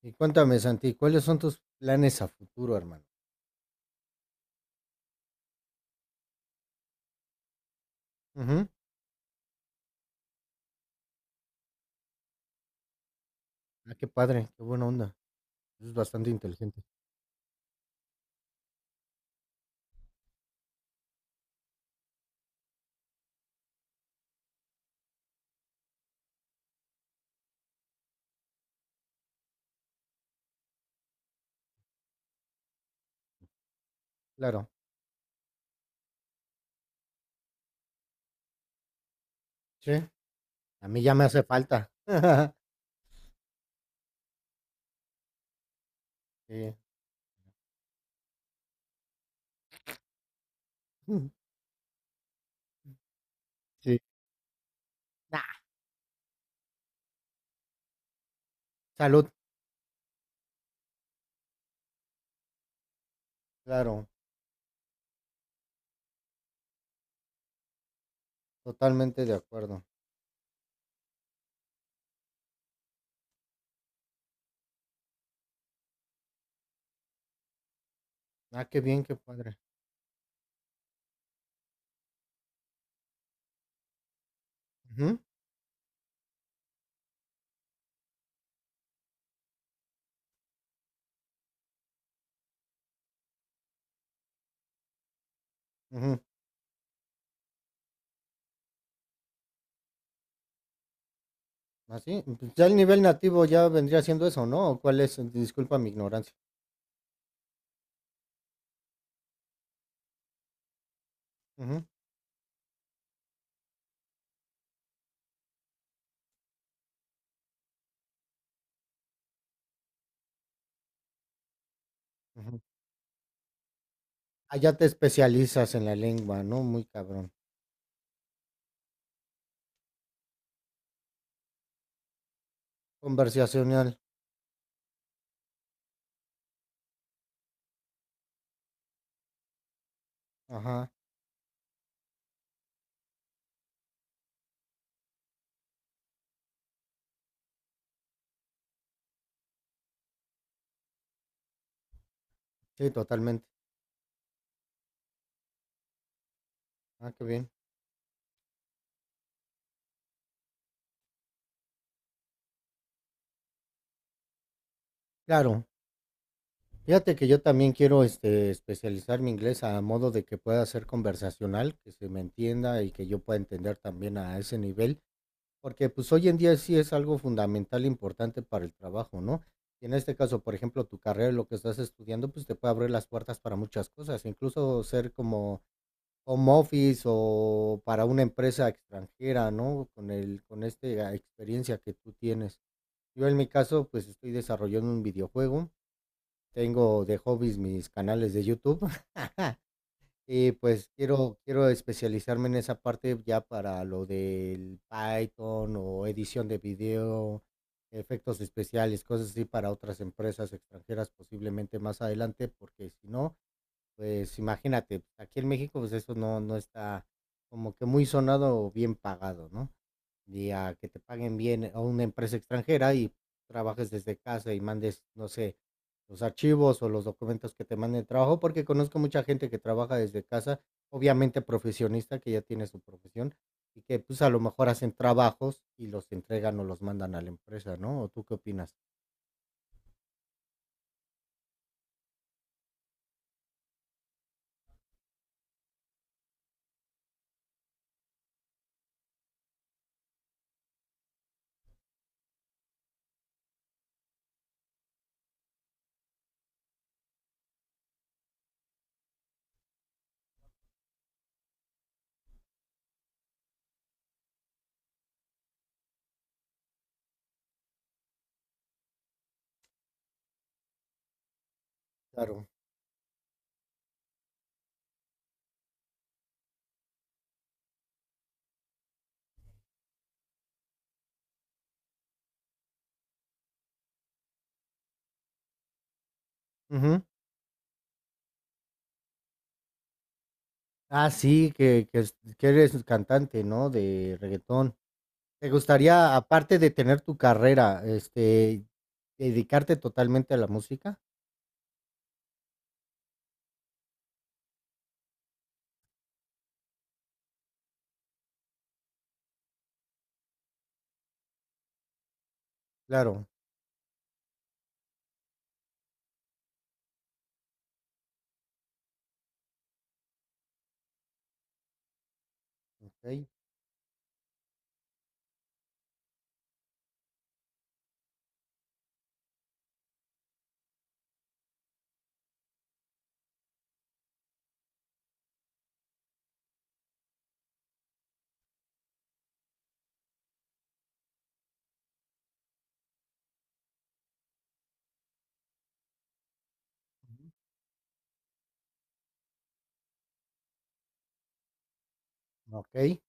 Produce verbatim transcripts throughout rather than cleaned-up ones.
Y cuéntame, Santi, ¿cuáles son tus planes a futuro, hermano? Ujú. Ah, qué padre, qué buena onda. Es bastante inteligente. Claro. Sí. A mí ya me hace falta. Sí. Sí. Nah, salud. Claro, totalmente de acuerdo. Ah, qué bien, qué padre. Ujú, ujú. Así, pues ya el nivel nativo ya vendría siendo eso, ¿no? ¿O cuál es? Disculpa mi ignorancia. Ujú, ujú. Allá te especializas en la lengua, ¿no? Muy cabrón. Conversacional. Ajá. Sí, totalmente. Ah, qué bien. Claro, fíjate que yo también quiero, este, especializar mi inglés a modo de que pueda ser conversacional, que se me entienda y que yo pueda entender también a ese nivel, porque, pues, hoy en día sí es algo fundamental importante para el trabajo, ¿no? Y en este caso, por ejemplo, tu carrera, lo que estás estudiando, pues, te puede abrir las puertas para muchas cosas, incluso ser como home office o para una empresa extranjera, ¿no? Con el con este, ah, experiencia que tú tienes. Yo en mi caso, pues, estoy desarrollando un videojuego, tengo de hobbies mis canales de YouTube. Y pues quiero quiero especializarme en esa parte ya para lo del Python o edición de video, efectos especiales, cosas así para otras empresas extranjeras posiblemente más adelante, porque si no, pues imagínate, pues, aquí en México, pues eso no, no está como que muy sonado o bien pagado, ¿no? Y a que te paguen bien a una empresa extranjera y trabajes desde casa y mandes, no sé, los archivos o los documentos que te manden el trabajo, porque conozco mucha gente que trabaja desde casa, obviamente profesionista, que ya tiene su profesión, y que pues a lo mejor hacen trabajos y los entregan o los mandan a la empresa, ¿no? ¿O tú qué opinas? Claro. Ujú. Ah, sí, que que es que eres cantante, ¿no?, de reggaetón. ¿Te gustaría, aparte de tener tu carrera, este, dedicarte totalmente a la música? Claro, okey. Ujú, okey.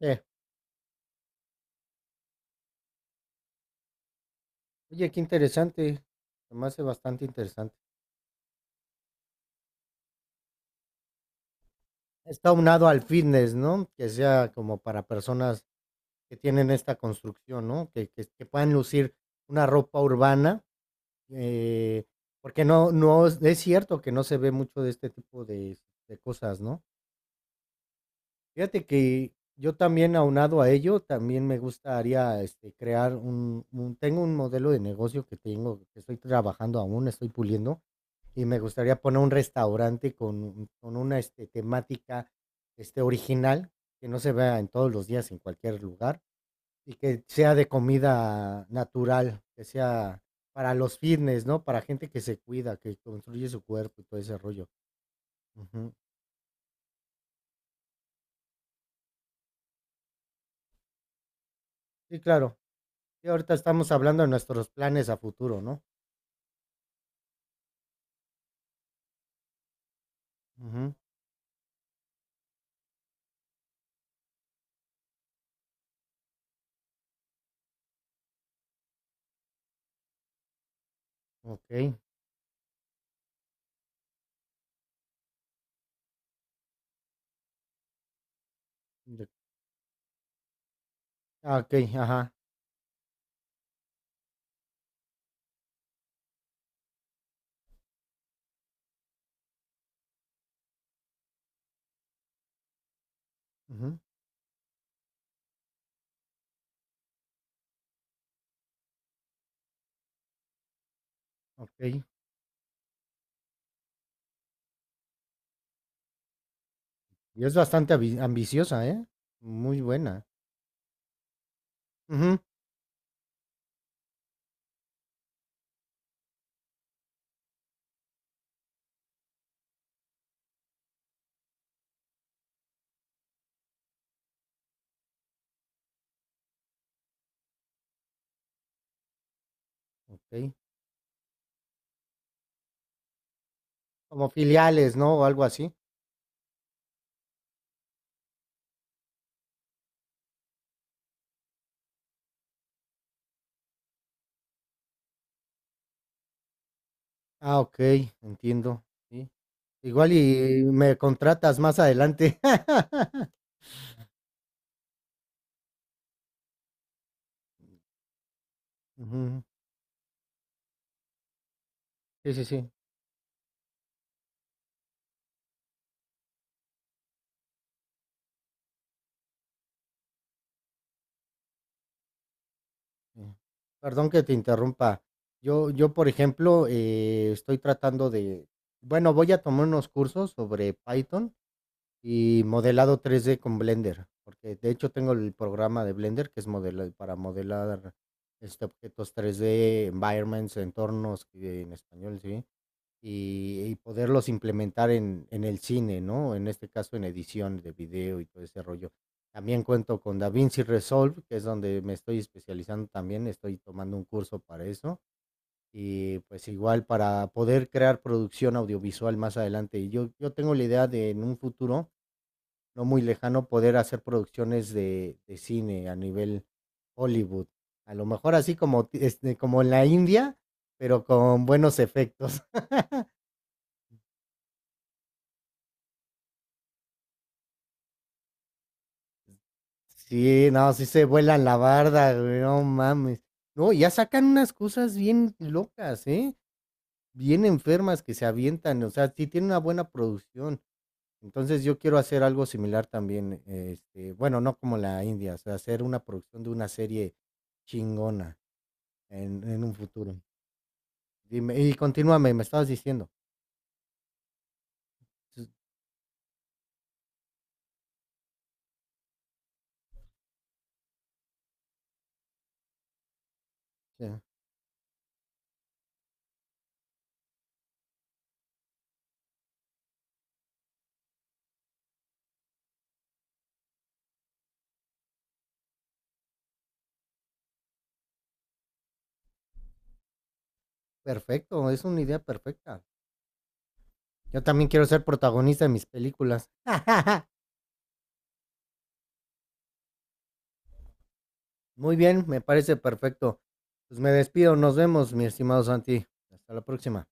Eh, Oye, qué interesante, se me hace bastante interesante. Está unado al fitness, ¿no?, que sea como para personas que tienen esta construcción, ¿no?, que que que puedan lucir una ropa urbana. Eh, Porque no, no es cierto que no se ve mucho de este tipo de de cosas, ¿no? Fíjate que yo también aunado a ello, también me gustaría, este, crear un, un tengo un modelo de negocio que tengo, que estoy trabajando aún, estoy puliendo, y me gustaría poner un restaurante con con una, este, temática, este, original, que no se vea en todos los días en cualquier lugar. Y que sea de comida natural, que sea para los fitness, ¿no? Para gente que se cuida, que construye su cuerpo y todo ese rollo. Ujú. Sí, claro. Y ahorita estamos hablando de nuestros planes a futuro, ¿no? Ujú. Okey. De... ah, okey, ajá. Ujú. Okey. Y es bastante abi ambiciosa, ¿eh? Muy buena. Ujú. Okey. Como filiales, ¿no? O algo así. Ah, okey, entiendo. Sí. Igual y me contratas más adelante. Ujú. Sí, sí, sí. Mm. Perdón que te interrumpa. Yo yo, por ejemplo, eh, estoy tratando de, bueno, voy a tomar unos cursos sobre Python y modelado tres de con Blender, porque, de hecho, tengo el programa de Blender, que es modela para modelar, este, objetos tres de, environments, entornos, que en español, sí. Y y poderlos implementar en en el cine, ¿no? En este caso, en edición de video y todo ese rollo. También cuento con DaVinci Resolve, que es donde me estoy especializando también, estoy tomando un curso para eso, y, pues, igual para poder crear producción audiovisual más adelante. Y yo yo tengo la idea de, en un futuro no muy lejano, poder hacer producciones de de cine a nivel Hollywood. A lo mejor así como ti este, como en la India, pero con buenos efectos. Sí, no, sí se vuelan la barda, güey, no mames. No, ya sacan unas cosas bien locas, ¿eh? Bien enfermas que se avientan, o sea, sí tiene una buena producción. Entonces yo quiero hacer algo similar también, eh, este, bueno, no como la India, o sea, hacer una producción de una serie chingona en, en un futuro. Dime, y continúame, me estabas diciendo. Sí, sí. Perfecto, es una idea perfecta. Yo también quiero ser protagonista de mis películas. Muy bien, me parece perfecto. Pues me despido, nos vemos, mi estimado Santi. Hasta la próxima.